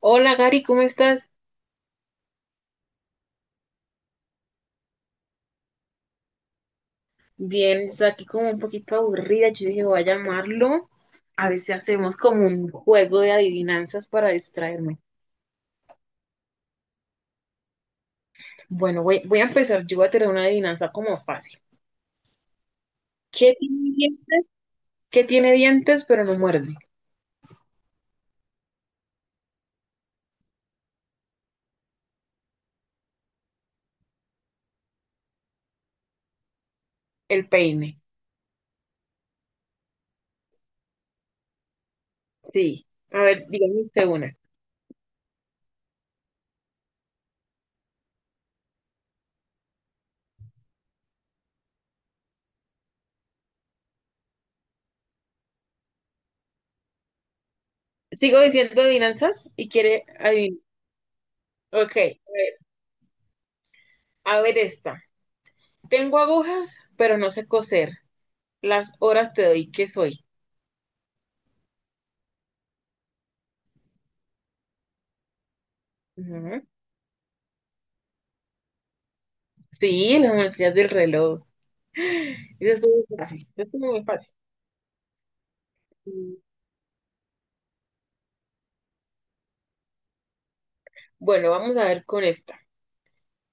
Hola Gary, ¿cómo estás? Bien, estoy aquí como un poquito aburrida. Yo dije, voy a llamarlo a ver si hacemos como un juego de adivinanzas para distraerme. Bueno, voy a empezar. Yo voy a tener una adivinanza como fácil. ¿Qué tiene dientes? ¿Qué tiene dientes pero no muerde? El peine. Sí. A ver, dígame usted una. Sigo diciendo adivinanzas y quiere adivinar. Ok, ver, a ver esta. Tengo agujas, pero no sé coser. Las horas te doy, ¿qué soy? Ujú. Sí, las manecillas del reloj. Eso estuvo muy fácil. Sí, esto es muy fácil. Mm, Bueno, vamos a ver con esta.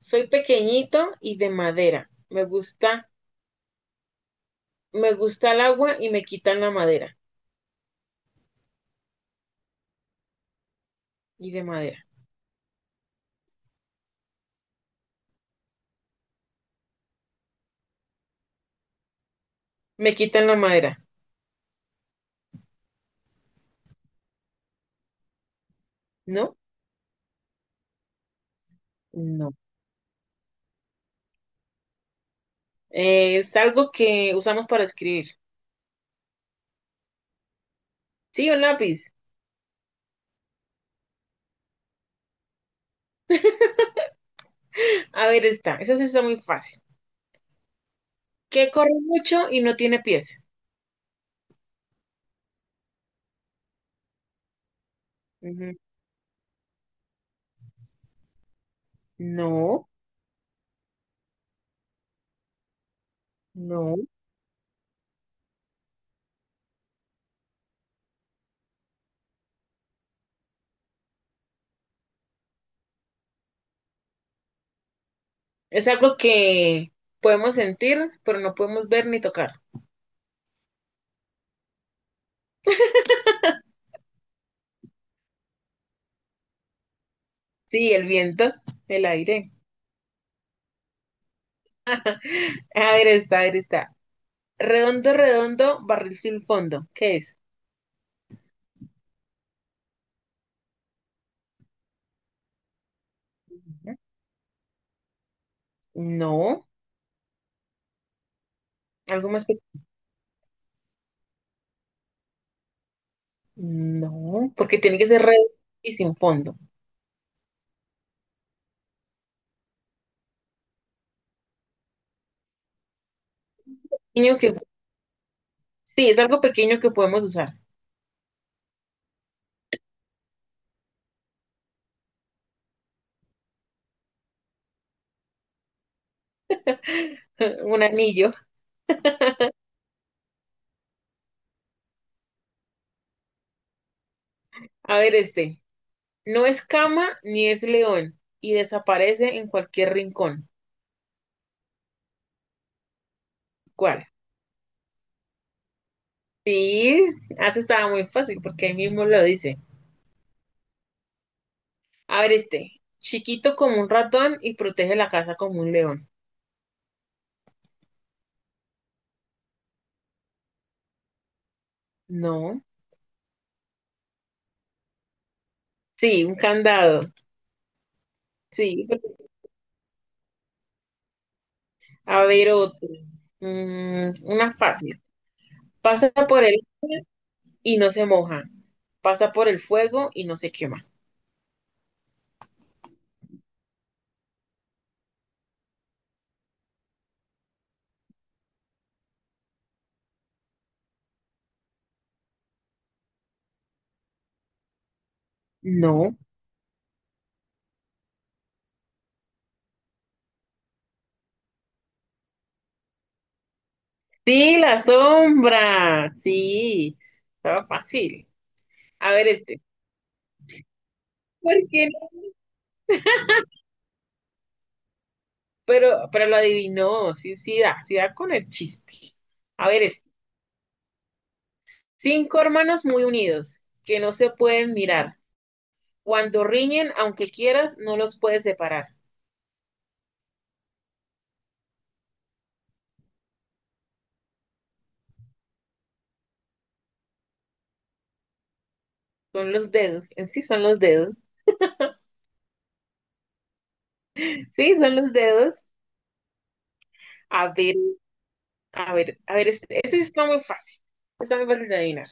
Soy pequeñito y de madera. Me gusta el agua y me quitan la madera. Y de madera. Me quitan la madera. ¿No? No. Es algo que usamos para escribir. Sí, un lápiz. A ver, esta. Esa sí está muy fácil. Que corre mucho y no tiene pies. Ujú. No, no. Es algo que podemos sentir, pero no podemos ver ni tocar. Sí, el viento, el aire. A ver, está. Redondo, redondo, barril sin fondo. ¿Qué es? Ujú. No, algo más pequeño. No, porque tiene que ser redondo y sin fondo. Niño que... Sí, es algo pequeño que podemos usar. Un anillo. A ver, este. No es cama ni es león y desaparece en cualquier rincón. ¿Cuál? Sí, eso estaba muy fácil porque ahí mismo lo dice. A ver, este. Chiquito como un ratón y protege la casa como un león. No. Sí, un candado. Sí. A ver otro. Mm, una fácil. Pasa por él y no se moja. Pasa por el fuego y no se quema. No. Sí, la sombra. Sí. Estaba fácil. A ver este. ¿Por qué no? Pero lo adivinó. Sí, sí da. Sí da con el chiste. A ver este. Cinco hermanos muy unidos que no se pueden mirar. Cuando riñen, aunque quieras, no los puedes separar. Son los dedos, en sí son los dedos. Sí, son los dedos. A ver, a ver, este está muy fácil. Está muy fácil de adivinar.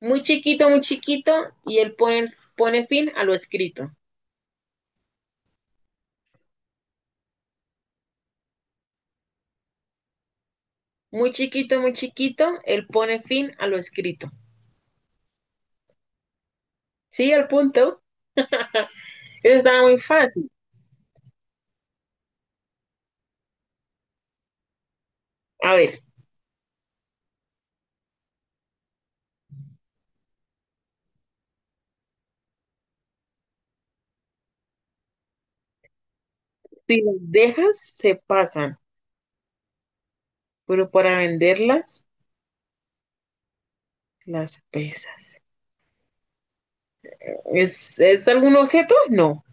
Muy chiquito, pone fin a lo escrito. Muy chiquito, él pone fin a lo escrito. Sí, al punto. Eso está muy fácil. A ver, si las dejas, se pasan, pero para venderlas, las pesas. ¿Es algún objeto? No.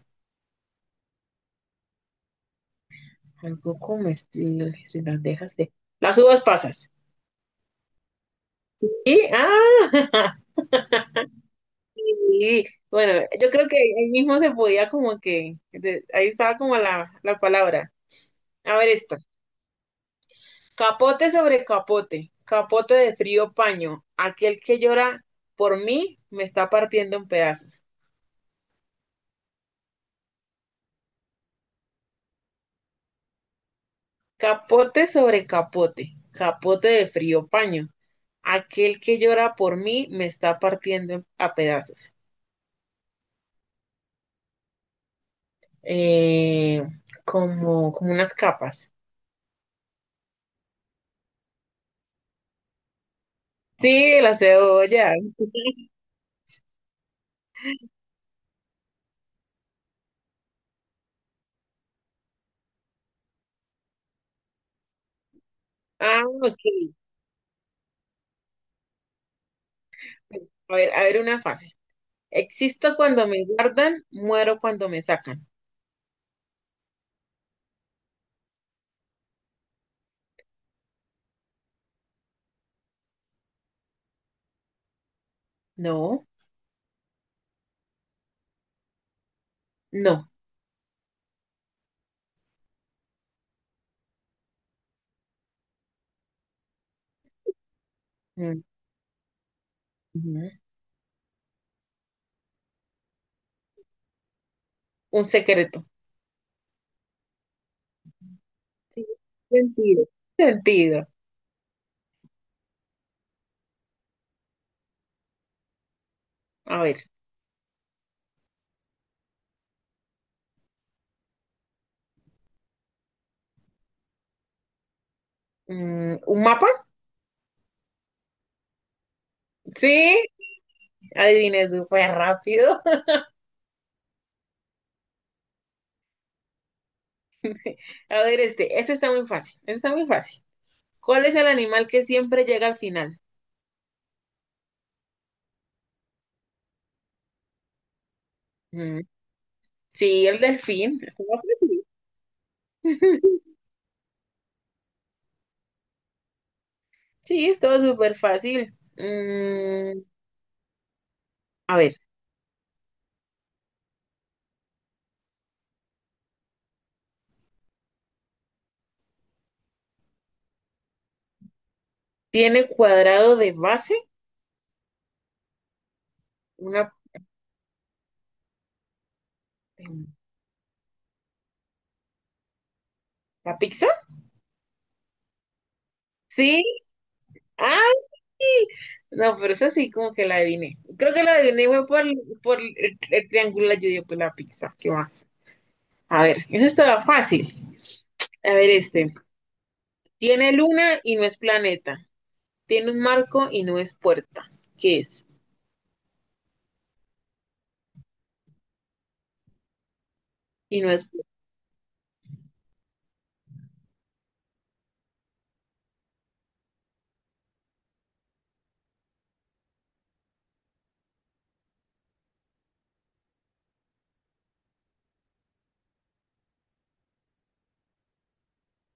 Algo comestible, si las dejas, se... Las uvas pasas. Y, ah, yo creo que ahí mismo se podía como que, de- ahí estaba como la palabra. A ver esta. Capote sobre capote, capote de frío paño. Aquel que llora por mí me está partiendo en pedazos. Capote sobre capote, capote de frío paño. Aquel que llora por mí me está partiendo a pedazos. Eh, como, como unas capas. Sí, la cebolla. Ah, ok. A ver una fácil. Existo cuando me guardan, muero cuando me sacan. No, no. Mm, ujú. Un secreto. Sí, Sentido. Sentido. A ver. Mm, ¿Un mapa? Sí, adiviné súper rápido. A ver, este está muy fácil. Este está muy fácil. ¿Cuál es el animal que siempre llega al final? Mm, sí, el delfín. Estaba fácil. Sí, es todo súper fácil. Mm, a ver, tiene cuadrado de base. Una, em, ¿la pizza? Sí. ¡Ay! No, pero eso sí, como que la adiviné. Creo que la adiviné fue por el triángulo, yo digo, pues la pizza. ¿Qué más? A ver, eso estaba fácil. A ver, este. Tiene luna y no es planeta. Tiene un marco y no es puerta. ¿Qué es? Y no es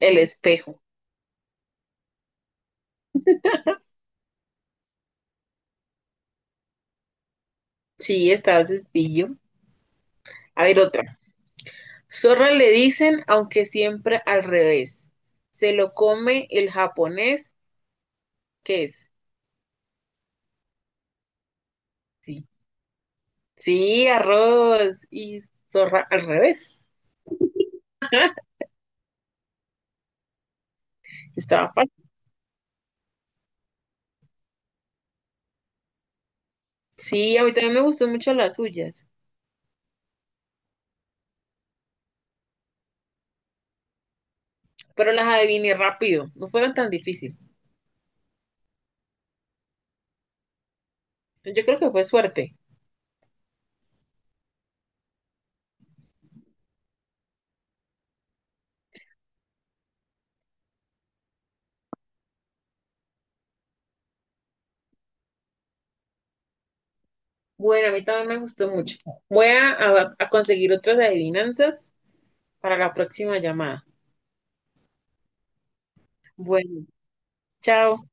el espejo. Sí, estaba sencillo. A ver, otra. Zorra le dicen, aunque siempre al revés. Se lo come el japonés. ¿Qué es? Sí. Sí, arroz y zorra al revés. Estaba fácil. Sí, a mí también me gustó mucho las suyas, pero las adiviné rápido, no fueron tan difíciles. Yo creo que fue suerte. Bueno, a mí también me gustó mucho. Voy a conseguir otras adivinanzas para la próxima llamada. Bueno, chao.